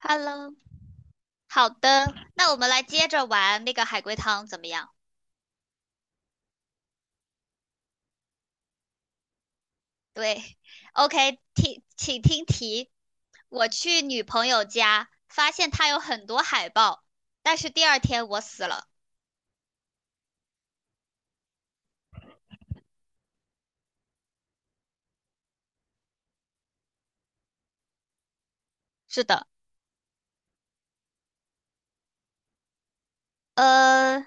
Hello，好的，那我们来接着玩那个海龟汤怎么样？对，OK，听，请听题。我去女朋友家，发现她有很多海报，但是第二天我死了。是的，呃，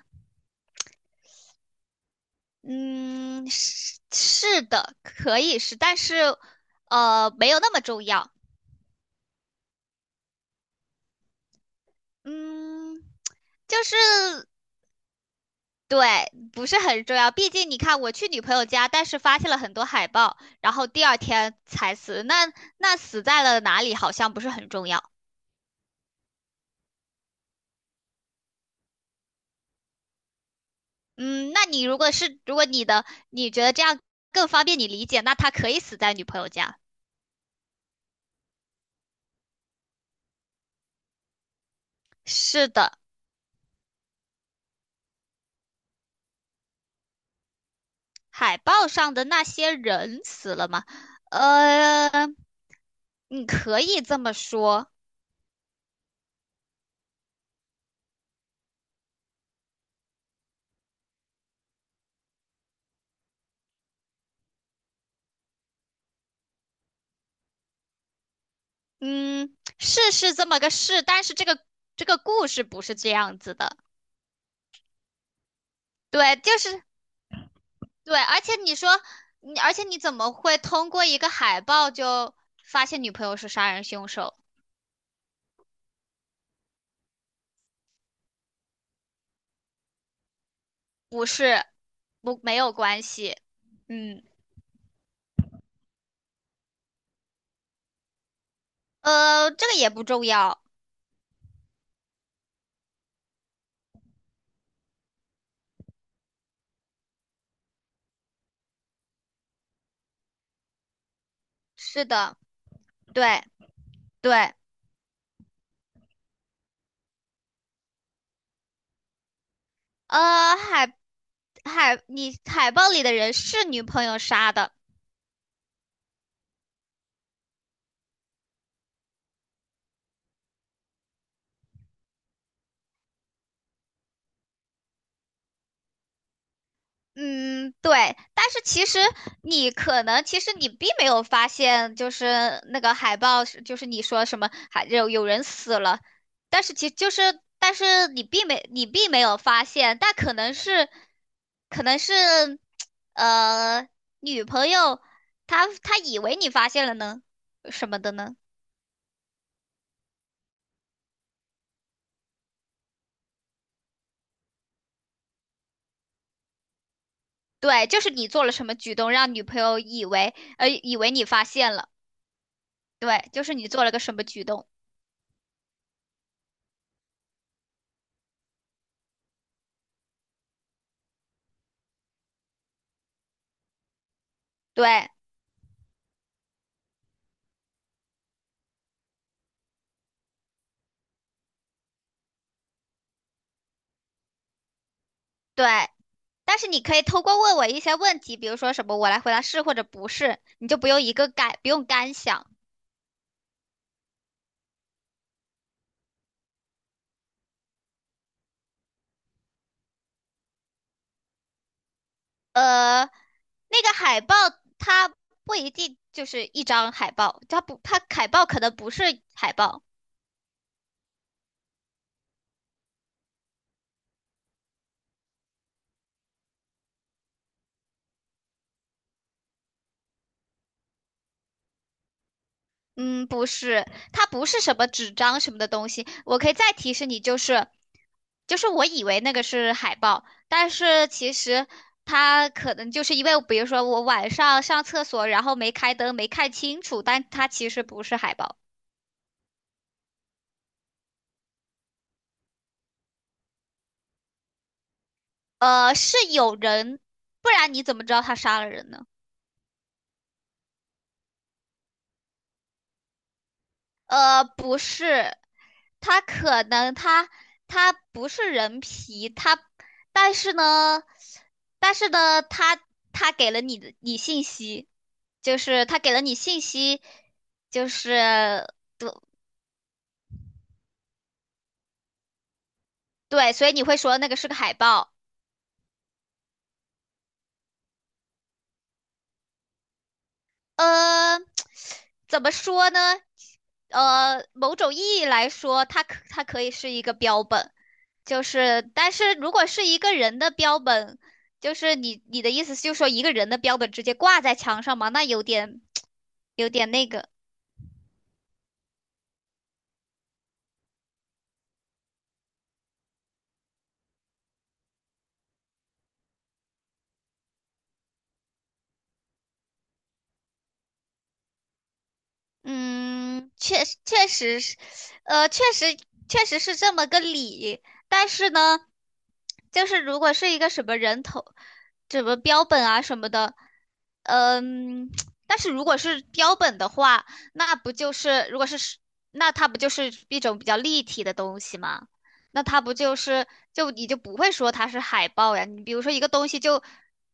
嗯，是的，可以是，但是没有那么重要。嗯，就是对，不是很重要。毕竟你看，我去女朋友家，但是发现了很多海报，然后第二天才死。那死在了哪里，好像不是很重要。嗯，那你如果你的你觉得这样更方便你理解，那他可以死在女朋友家。是的，海报上的那些人死了吗？呃，你可以这么说。嗯，是这么个事，但是这个故事不是这样子的。对，就是对，而且你说你，而且你怎么会通过一个海报就发现女朋友是杀人凶手？不是，不，没有关系。嗯，这个也不重要。是的，对对，呃，海海，你海报里的人是女朋友杀的。嗯，对，但是其实你可能，其实你并没有发现，就是那个海报是就是你说什么还有人死了，但是其就是，但是你并没有发现，但，可能是，呃，女朋友她以为你发现了呢，什么的呢？对，就是你做了什么举动，让女朋友以为，以为你发现了，对，就是你做了个什么举动，对对。但是你可以通过问我一些问题，比如说什么我来回答是或者不是，你就不用一个干，不用干想。呃，那个海报它不一定就是一张海报，它不，它海报可能不是海报，嗯，不是，它不是什么纸张什么的东西。我可以再提示你，就是我以为那个是海报，但是其实。它可能就是因为，比如说我晚上上厕所，然后没开灯，没看清楚，但它其实不是海报。是有人，不然你怎么知道他杀了人呢？不是，他可能他他不是人皮，他，但是呢，但是呢，他给了你的你信息，就是他给了你信息，就是对，所以你会说那个是个海报。呃，怎么说呢？某种意义来说，它可以是一个标本，就是，但是如果是一个人的标本，就是你的意思就是说一个人的标本直接挂在墙上嘛，那有点 有点那个。嗯，确实是，呃，确实确实是这么个理。但是呢，就是如果是一个什么人头，什么标本啊什么的，呃嗯，但是如果是标本的话，那不就是如果是是那它不就是一种比较立体的东西吗？那它不就是就你就不会说它是海报呀？你比如说一个东西就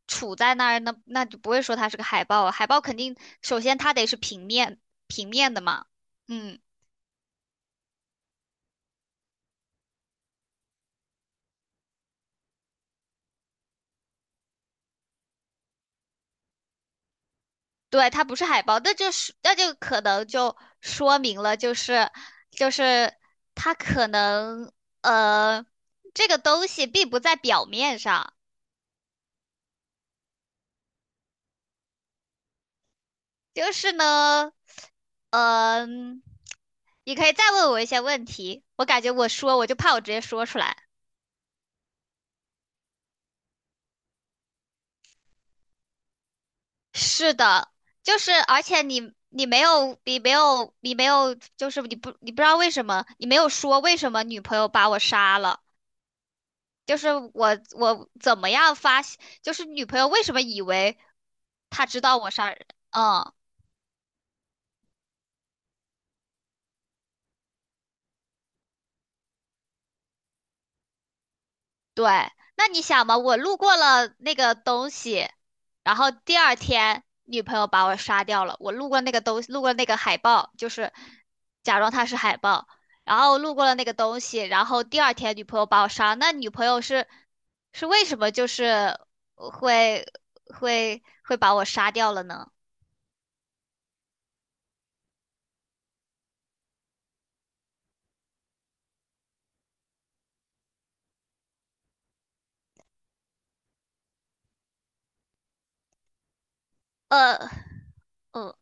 杵在那儿，那就不会说它是个海报啊。海报肯定首先它得是平面的嘛，嗯，对，它不是海报，那就是那就可能就说明了，就是它可能呃这个东西并不在表面上，就是呢，嗯、你可以再问我一些问题，我感觉我就怕我直接说出来。是的，就是而且你没有，就是你不知道为什么你没有说为什么女朋友把我杀了，就是我怎么样发现，就是女朋友为什么以为她知道我杀人，嗯。对，那你想嘛，我路过了那个东西，然后第二天女朋友把我杀掉了。我路过那个东，路过那个海报，就是假装它是海报，然后路过了那个东西，然后第二天女朋友把我杀。那女朋友是为什么就是会会把我杀掉了呢？呃。呃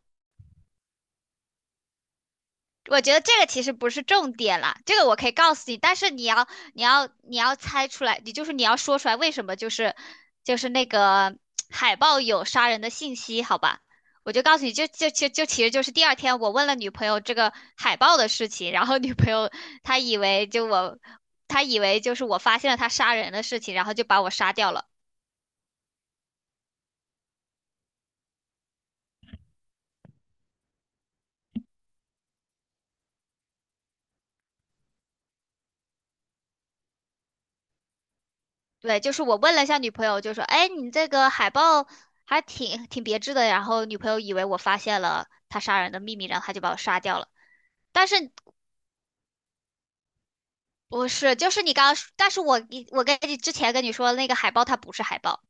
我觉得这个其实不是重点啦，这个我可以告诉你，但是你要你要猜出来，你就是你要说出来为什么就是那个海报有杀人的信息，好吧？我就告诉你，就就就就其实就是第二天我问了女朋友这个海报的事情，然后女朋友她以为就我，她以为就是我发现了她杀人的事情，然后就把我杀掉了。对，就是我问了一下女朋友，就说："哎，你这个海报还挺别致的。"然后女朋友以为我发现了他杀人的秘密，然后他就把我杀掉了。但是不是，就是你刚刚说但是我跟你之前跟你说的那个海报，它不是海报，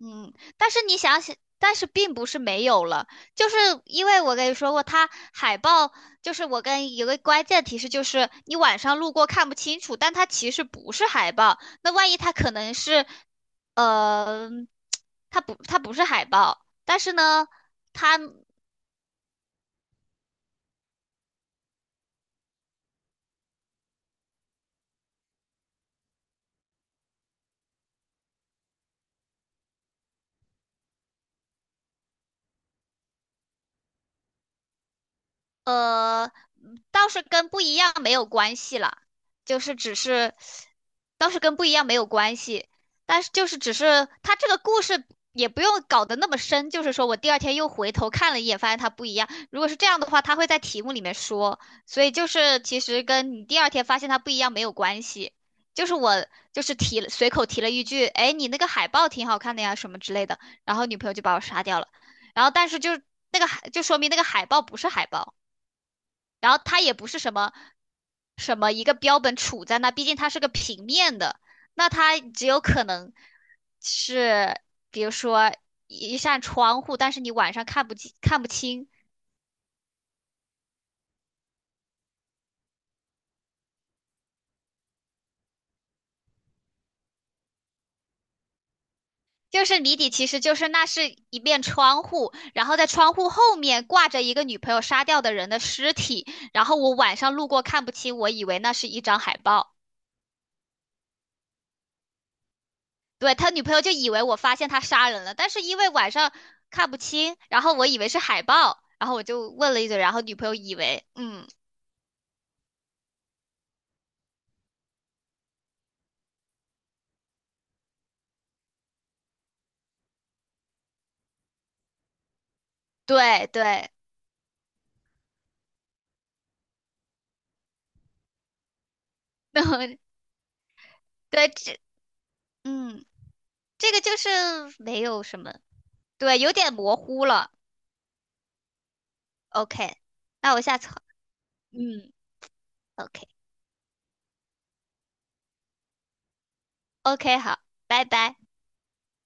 嗯，但是你想想，但是并不是没有了，就是因为我跟你说过，它海报就是我跟有个关键提示，就是你晚上路过看不清楚，但它其实不是海报，那万一它可能是它不是海报，但是呢，呃，倒是跟不一样没有关系啦，就是只是，倒是跟不一样没有关系，但是就是只是他这个故事也不用搞得那么深，就是说我第二天又回头看了一眼，发现它不一样。如果是这样的话，他会在题目里面说，所以就是其实跟你第二天发现它不一样没有关系，就是我就是随口提了一句，哎，你那个海报挺好看的呀，什么之类的，然后女朋友就把我杀掉了，然后但是就那个海就说明那个海报不是海报。然后它也不是什么一个标本杵在那，毕竟它是个平面的，那它只有可能是，比如说一扇窗户，但是你晚上看不清，就是谜底其实就是那是一面窗户，然后在窗户后面挂着一个女朋友杀掉的人的尸体，然后我晚上路过看不清，我以为那是一张海报。对，他女朋友就以为我发现他杀人了，但是因为晚上看不清，然后我以为是海报，然后我就问了一嘴，然后女朋友以为，嗯，对对，然后对这，嗯，这个就是没有什么，对，有点模糊了。OK，那我下次好嗯，OK OK，好，拜拜。